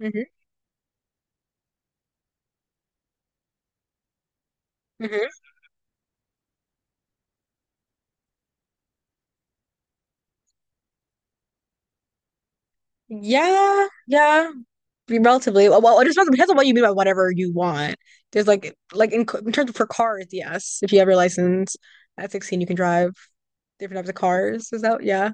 hmm hmm Yeah, yeah, relatively. Well, well, it depends on what you mean by whatever you want. There's in terms of for cars, yes. If you have your license at 16, you can drive different types of cars. Is that, yeah.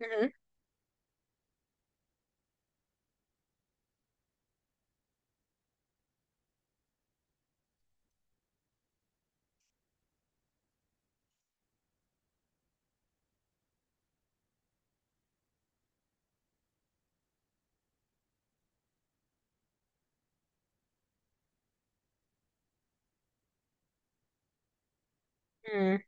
hmm mm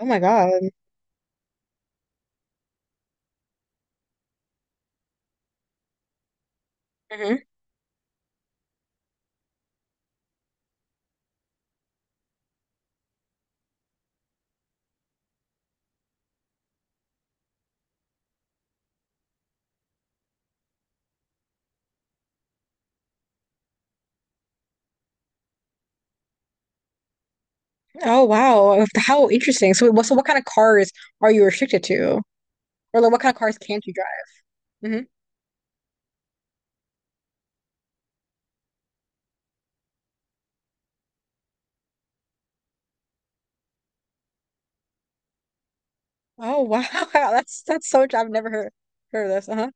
Oh my God. hmm Oh wow. Oh, how interesting. So what kind of cars are you restricted to? Or like, what kind of cars can't you drive? Hmm Oh wow. That's so. I've never heard of this. Uh-huh.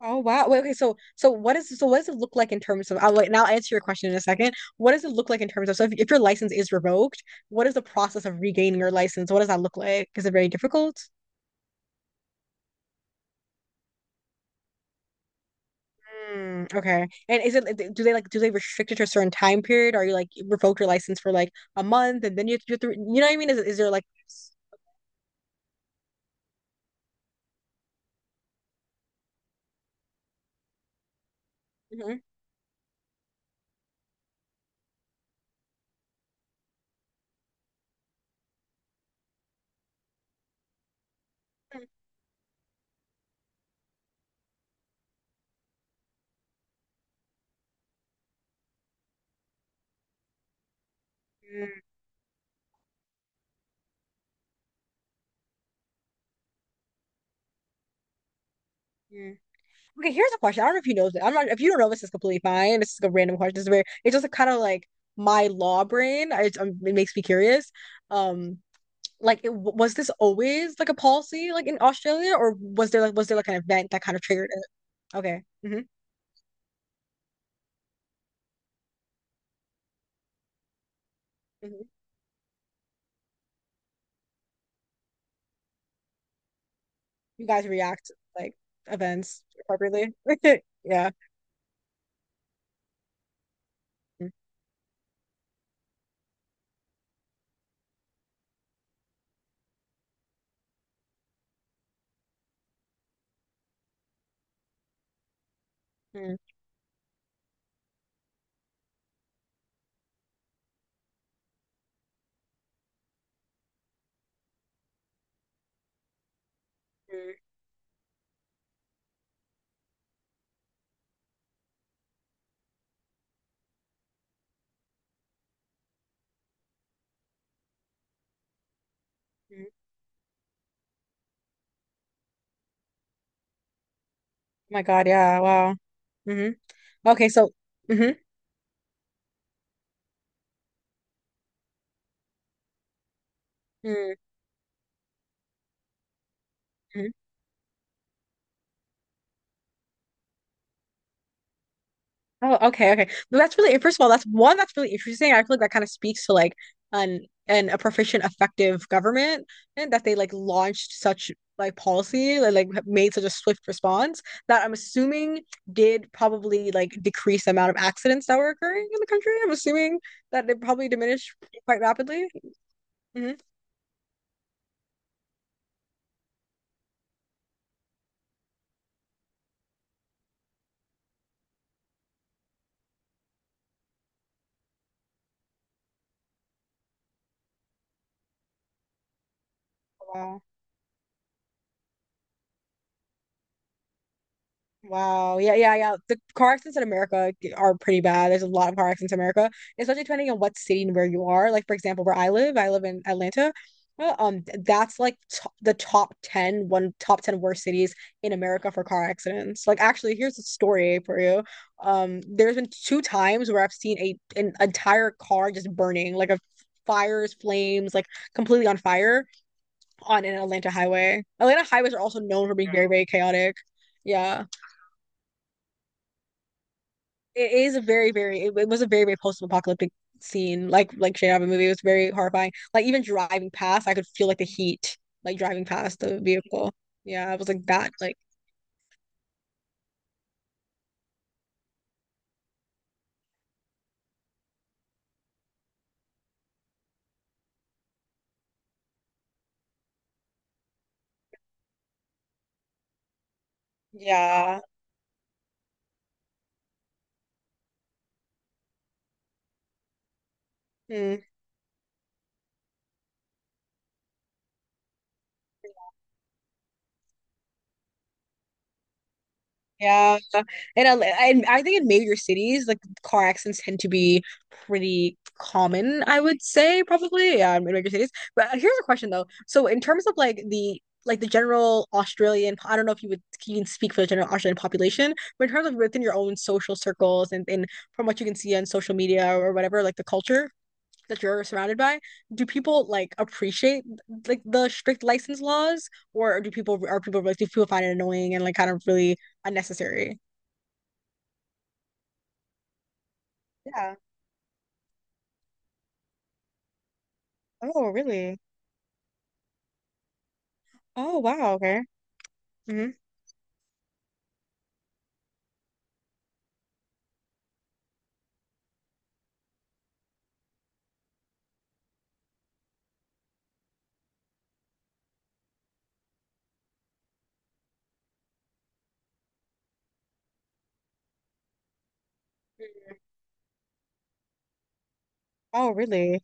Oh wow. Wait, okay, so what does it look like in terms of? I'll like now answer your question in a second. What does it look like in terms of so if your license is revoked, what is the process of regaining your license? What does that look like? Is it very difficult? Mm, okay. And is it do they like do they restrict it to a certain time period? Are you like revoked your license for like a month and then you have to do it through, you know what I mean? Is it- is there like s- Mhm. Mm. Okay, here's a question. I don't know if you know this. I'm not if you don't know, this is completely fine. This is a random question. This very it's just kind of like my law brain. It makes me curious. Um, like, was this always like a policy like in Australia, or was there like an event that kind of triggered it? Okay. Hmm You guys react like events appropriately. Yeah. Mm-hmm. Mm-hmm. Oh my God, yeah, wow. hmm Okay, so. Mm-hmm. Mm-hmm. Oh, okay, okay. No, that's really, first of all, that's one that's really interesting. I feel like that kind of speaks to like an an a proficient, effective government and that they like launched such like policy, like made such a swift response that I'm assuming did probably like decrease the amount of accidents that were occurring in the country. I'm assuming that they probably diminished quite rapidly. hmm Wow. Wow. Yeah, yeah, yeah. The car accidents in America g- Are pretty bad. There's a lot of car accidents in America, especially depending on what city and where you are. Like, for example, where I live in Atlanta. That's like to the top ten one top 10 worst cities in America for car accidents. Like, actually, here's a story for you. There's been two times where I've seen a an entire car just burning, like a fires, flames, like completely on fire on an Atlanta highway. Atlanta highways are also known for being, yeah, very, very chaotic. Yeah. It is a very, very. It was a very, very post-apocalyptic scene. Like straight out of a movie, it was very horrifying. Like even driving past, I could feel like the heat, like driving past the vehicle. Yeah, it was like that. Like, yeah. Mm. Yeah, and I, and I think in major cities, like car accidents tend to be pretty common, I would say probably, yeah, in major cities. But here's a question though. So in terms of like the general Australian, I don't know if you would you can speak for the general Australian population, but in terms of within your own social circles and from what you can see on social media or whatever, like the culture that you're surrounded by, do people appreciate the strict license laws, or do people find it annoying and like kind of really unnecessary? Yeah. Oh, really? Oh, wow. Okay. hmm Oh, really?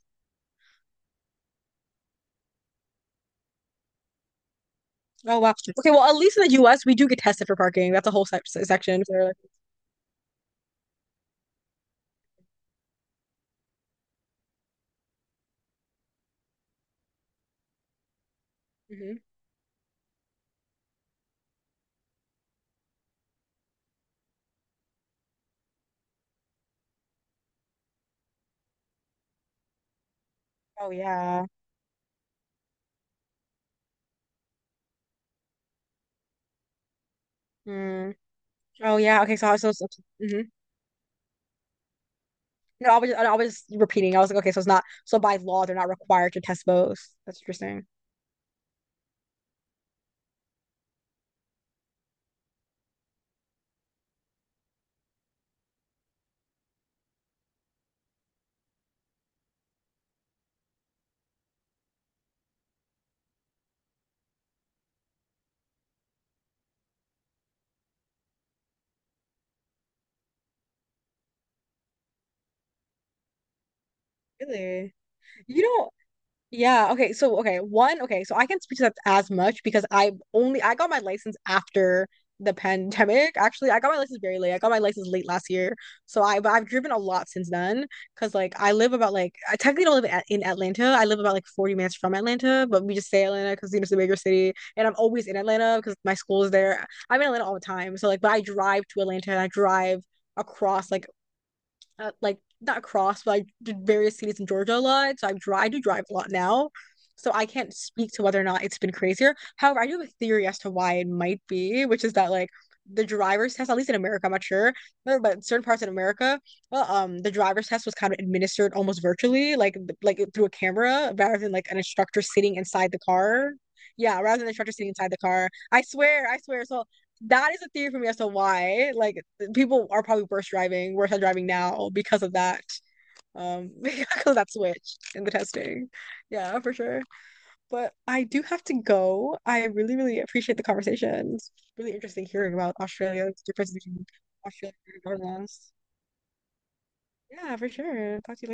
Oh, wow. Okay, well at least in the US we do get tested for parking. That's a whole se section for. Mhm. Oh, yeah. Mm. Oh, yeah. Okay. So, hmm no, I was just repeating. I was like, okay, so it's not, so by law they're not required to test both. That's interesting. Really? You know, yeah, okay. So okay, one, okay, so I can't speak to that as much because I got my license after the pandemic. Actually, I got my license very late. I got my license late last year. So I but I've driven a lot since then because like I live about like I technically don't live in, in Atlanta. I live about like 40 minutes from Atlanta, but we just say Atlanta because it's a bigger city and I'm always in Atlanta because my school is there. I'm in Atlanta all the time. So like but I drive to Atlanta and I drive across like not across, but I did various cities in Georgia a lot. So I do drive a lot now. So I can't speak to whether or not it's been crazier. However, I do have a theory as to why it might be, which is that like the driver's test, at least in America, I'm not sure, but in certain parts in America, the driver's test was kind of administered almost virtually, like through a camera, rather than like an instructor sitting inside the car. Yeah, rather than the instructor sitting inside the car. I swear, I swear. So that is a theory for me as to why like people are probably worse driving, worse at driving now because of that. Because that switch in the testing. Yeah, for sure. But I do have to go. I really, really appreciate the conversations. Really interesting hearing about Australia, the difference between Australia and Netherlands. Yeah, for sure. Talk to you later.